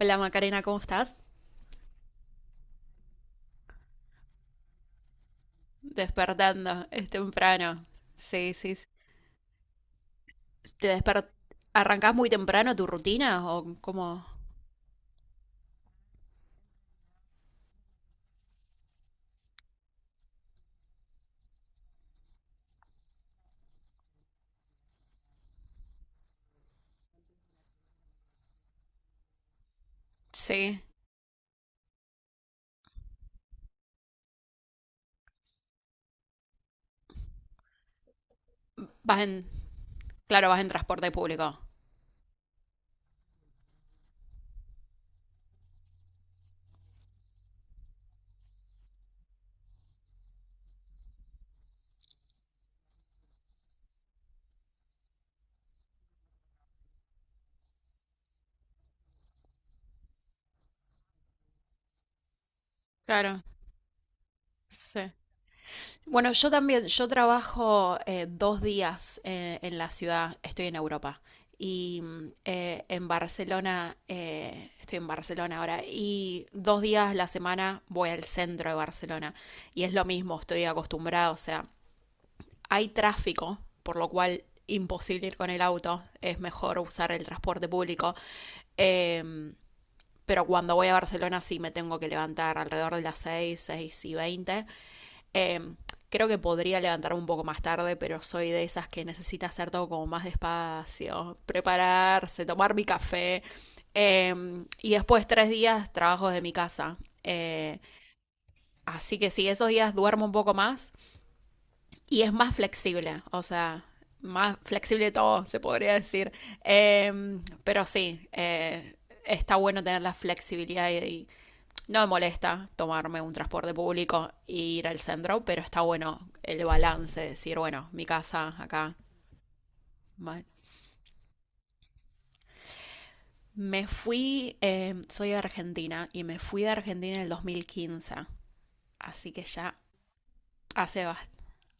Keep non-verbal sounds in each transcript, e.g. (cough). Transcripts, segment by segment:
Hola Macarena, ¿cómo estás? Despertando, es temprano. Sí, sí, sí. ¿Te desper... ¿Arrancás muy temprano tu rutina o cómo? Sí. Vas en... Claro, vas en transporte público. Claro, sí. Bueno, yo también, yo trabajo 2 días en la ciudad, estoy en Europa y en Barcelona, estoy en Barcelona ahora, y 2 días a la semana voy al centro de Barcelona, y es lo mismo, estoy acostumbrada, o sea, hay tráfico, por lo cual imposible ir con el auto, es mejor usar el transporte público. Eh, pero cuando voy a Barcelona sí me tengo que levantar alrededor de las 6, 6:20. Eh, creo que podría levantarme un poco más tarde, pero soy de esas que necesita hacer todo como más despacio, prepararse, tomar mi café. Y después 3 días trabajo de mi casa. Eh, así que sí, esos días duermo un poco más y es más flexible, o sea, más flexible todo, se podría decir. Pero sí, está bueno tener la flexibilidad y no me molesta tomarme un transporte público e ir al centro, pero está bueno el balance, decir, bueno, mi casa acá. Mal. Me fui, soy de Argentina y me fui de Argentina en el 2015, así que ya hace bastante.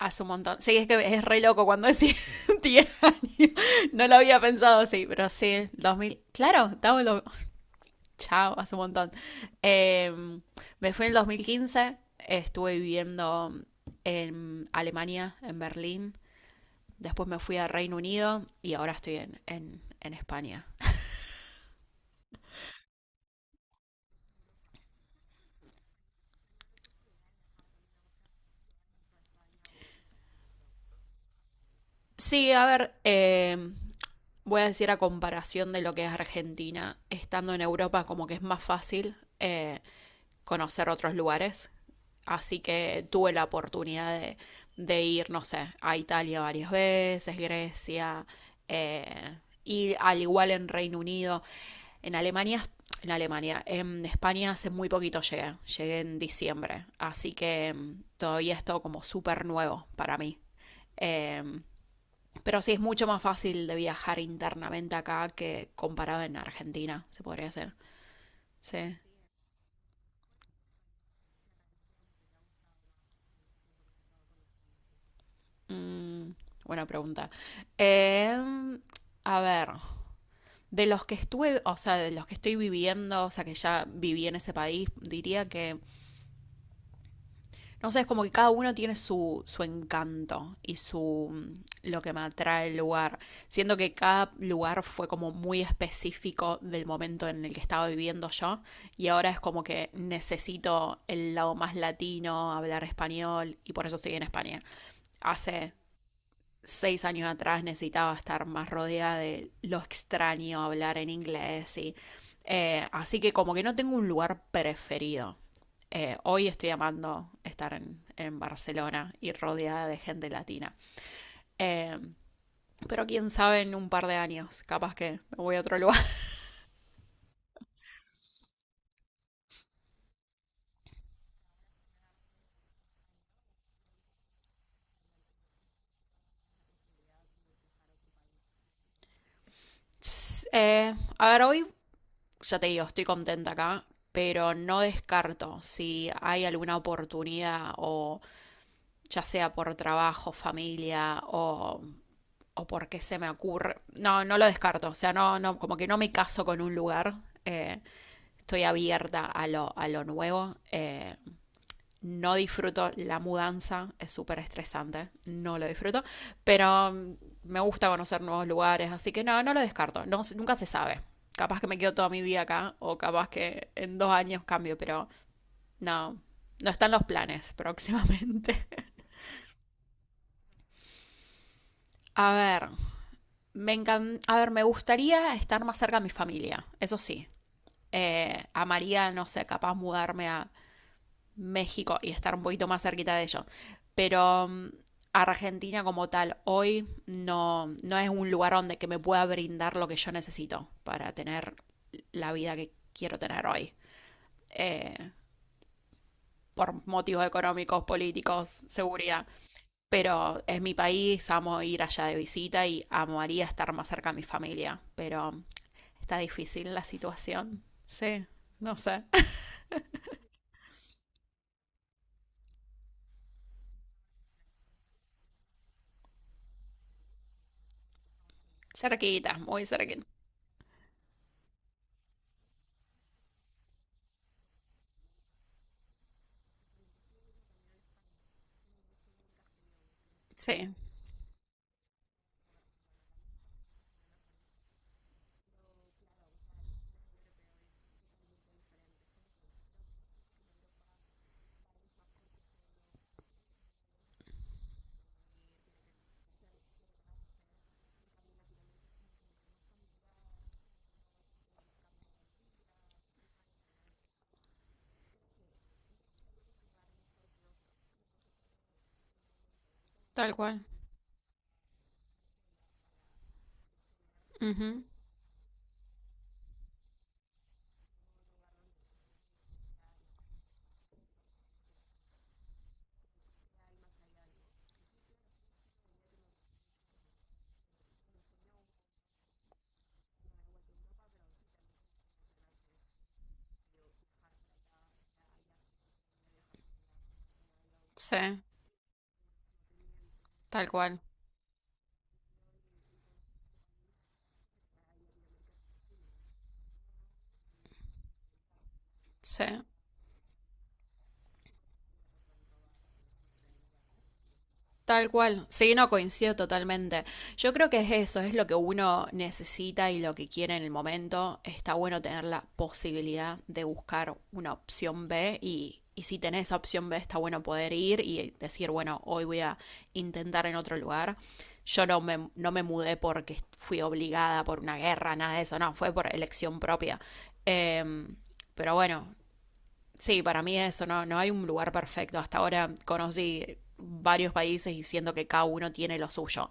Hace un montón. Sí, es que es re loco cuando decís (laughs) 10 años. No lo había pensado así, pero sí, dos mil... Claro, estaba en... Chao, hace un montón. Eh, me fui en el 2015. Estuve viviendo en Alemania, en Berlín. Después me fui a Reino Unido y ahora estoy en España. Sí, a ver, voy a decir a comparación de lo que es Argentina, estando en Europa como que es más fácil, conocer otros lugares. Así que tuve la oportunidad de ir, no sé, a Italia varias veces, Grecia, eh, y al igual en Reino Unido, en Alemania, en España hace muy poquito llegué, en diciembre, así que todavía es todo como súper nuevo para mí. Eh, pero sí es mucho más fácil de viajar internamente acá que comparado en Argentina, se podría hacer. Sí. Mm, Buena pregunta. Eh, a ver. De los que estuve, o sea, de los que estoy viviendo, o sea, que ya viví en ese país, diría que, no sé, es como que cada uno tiene su encanto y lo que me atrae el lugar. Siento que cada lugar fue como muy específico del momento en el que estaba viviendo yo y ahora es como que necesito el lado más latino, hablar español y por eso estoy en España. Hace 6 años atrás necesitaba estar más rodeada de lo extraño, hablar en inglés y... Así que como que no tengo un lugar preferido. Hoy estoy amando estar en Barcelona y rodeada de gente latina. Eh, pero quién sabe en un par de años, capaz que me voy a otro lugar. (laughs) A ver, hoy ya te digo, estoy contenta acá, pero no descarto si hay alguna oportunidad o ya sea por trabajo, familia o porque se me ocurre. No, no lo descarto. O sea, no, no, como que no me caso con un lugar. Eh, estoy abierta a lo nuevo. No disfruto la mudanza, es súper estresante, no lo disfruto, pero me gusta conocer nuevos lugares, así que no, no lo descarto, no, nunca se sabe. Capaz que me quedo toda mi vida acá o capaz que en 2 años cambio, pero no, no están los planes (laughs) próximamente. A ver, a ver, me gustaría estar más cerca de mi familia, eso sí, amaría, no sé, capaz mudarme a México y estar un poquito más cerquita de ellos. Pero Argentina como tal hoy no es un lugar donde que me pueda brindar lo que yo necesito para tener la vida que quiero tener hoy. Eh, por motivos económicos, políticos, seguridad. Pero es mi país, amo ir allá de visita y amaría estar más cerca de mi familia. Pero está difícil la situación. Sí, no sé. Cerquita, muy cerquita. Sí, tal cual. Ujú. Sí, tal cual. Sí, tal cual. Sí, no coincido totalmente. Yo creo que es eso, es lo que uno necesita y lo que quiere en el momento. Está bueno tener la posibilidad de buscar una opción B y si tenés esa opción B está bueno poder ir y decir, bueno, hoy voy a intentar en otro lugar. Yo no me mudé porque fui obligada por una guerra, nada de eso, no, fue por elección propia. Em, pero bueno, sí, para mí eso, no hay un lugar perfecto. Hasta ahora conocí varios países y siento que cada uno tiene lo suyo.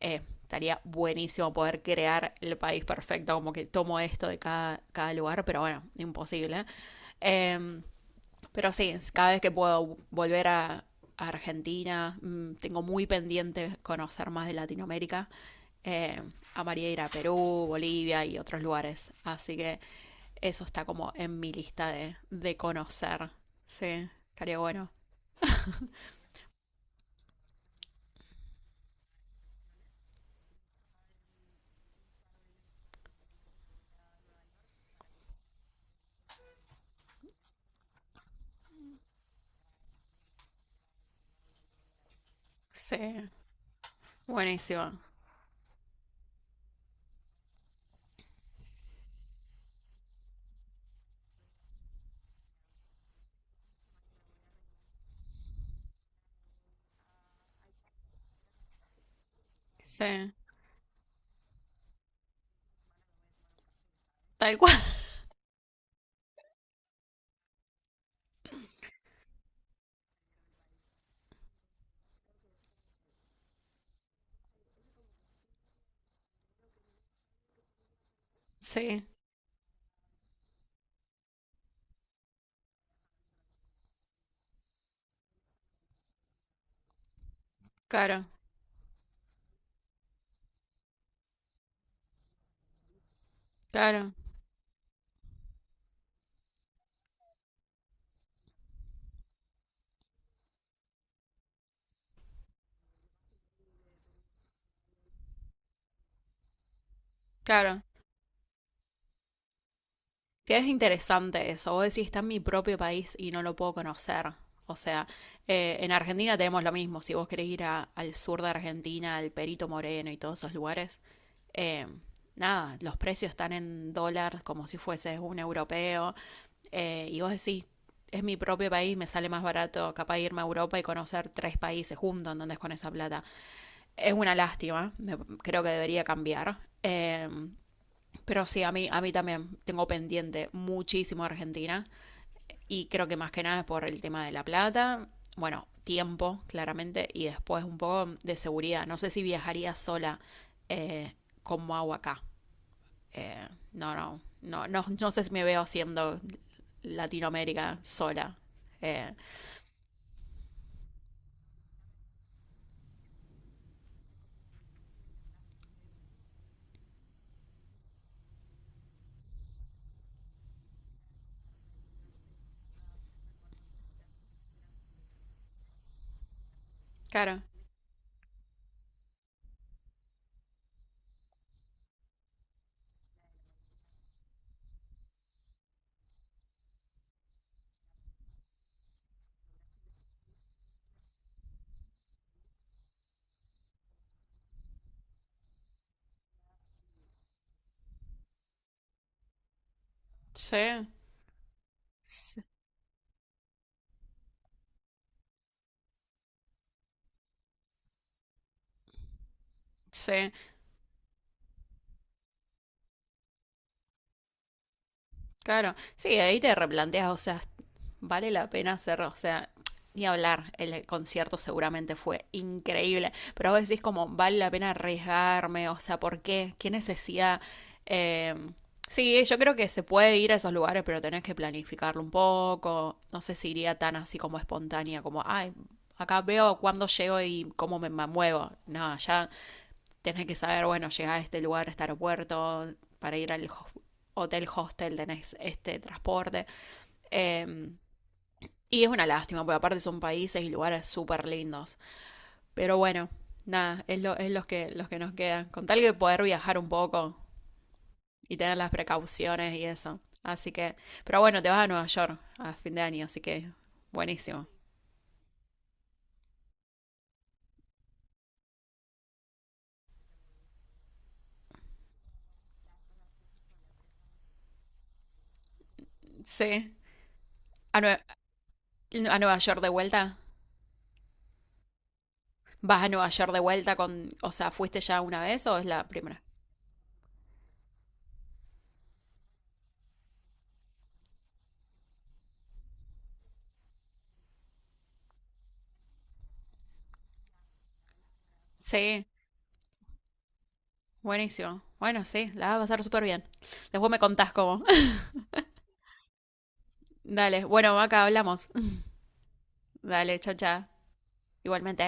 Estaría buenísimo poder crear el país perfecto, como que tomo esto de cada lugar, pero bueno, imposible. Eh, pero sí, cada vez que puedo volver a Argentina, tengo muy pendiente conocer más de Latinoamérica. Eh, amaría ir a Perú, Bolivia y otros lugares. Así que eso está como en mi lista de conocer. Sí, estaría bueno. Sí, buenísimo. Sí, tal cual. (laughs) Sí, claro, claro, claro. Que es interesante eso. Vos decís, está en mi propio país y no lo puedo conocer. O sea, en Argentina tenemos lo mismo. Si vos querés ir al sur de Argentina, al Perito Moreno y todos esos lugares, eh, nada, los precios están en dólares como si fueses un europeo. Y vos decís, es mi propio país, me sale más barato capaz irme a Europa y conocer tres países juntos, ¿entendés? Con esa plata. Es una lástima, creo que debería cambiar. Pero sí, a mí, también tengo pendiente muchísimo Argentina y creo que más que nada es por el tema de la plata, bueno, tiempo, claramente, y después un poco de seguridad. No sé si viajaría sola eh, como hago acá. Eh, no sé si me veo haciendo Latinoamérica sola. Eh, claro, sí, sí, sí, claro. Sí, ahí te replanteas, o sea, vale la pena hacer, o sea, ni hablar, el concierto seguramente fue increíble, pero vos decís como, vale la pena arriesgarme, o sea, ¿por qué? ¿Qué necesidad? Eh, sí, yo creo que se puede ir a esos lugares, pero tenés que planificarlo un poco, no sé si iría tan así como espontánea, como, ay, acá veo cuándo llego y cómo me muevo, no, ya tenés que saber, bueno, llegar a este lugar, a este aeropuerto, para ir al hotel hostel tenés este transporte. Eh, y es una lástima, porque aparte son países y lugares súper lindos. Pero bueno, nada, es, lo, es los que nos quedan. Con tal que poder viajar un poco y tener las precauciones y eso. Así que, pero bueno, te vas a Nueva York a fin de año, así que buenísimo. Sí, a, Nue- a Nueva York de vuelta. ¿Vas a Nueva York de vuelta con, o sea, fuiste ya una vez o es la primera? Sí. Buenísimo. Bueno, sí, la vas a pasar súper bien. Después me contás cómo. (laughs) Dale, bueno, acá hablamos. (laughs) Dale, chao, chao. Igualmente.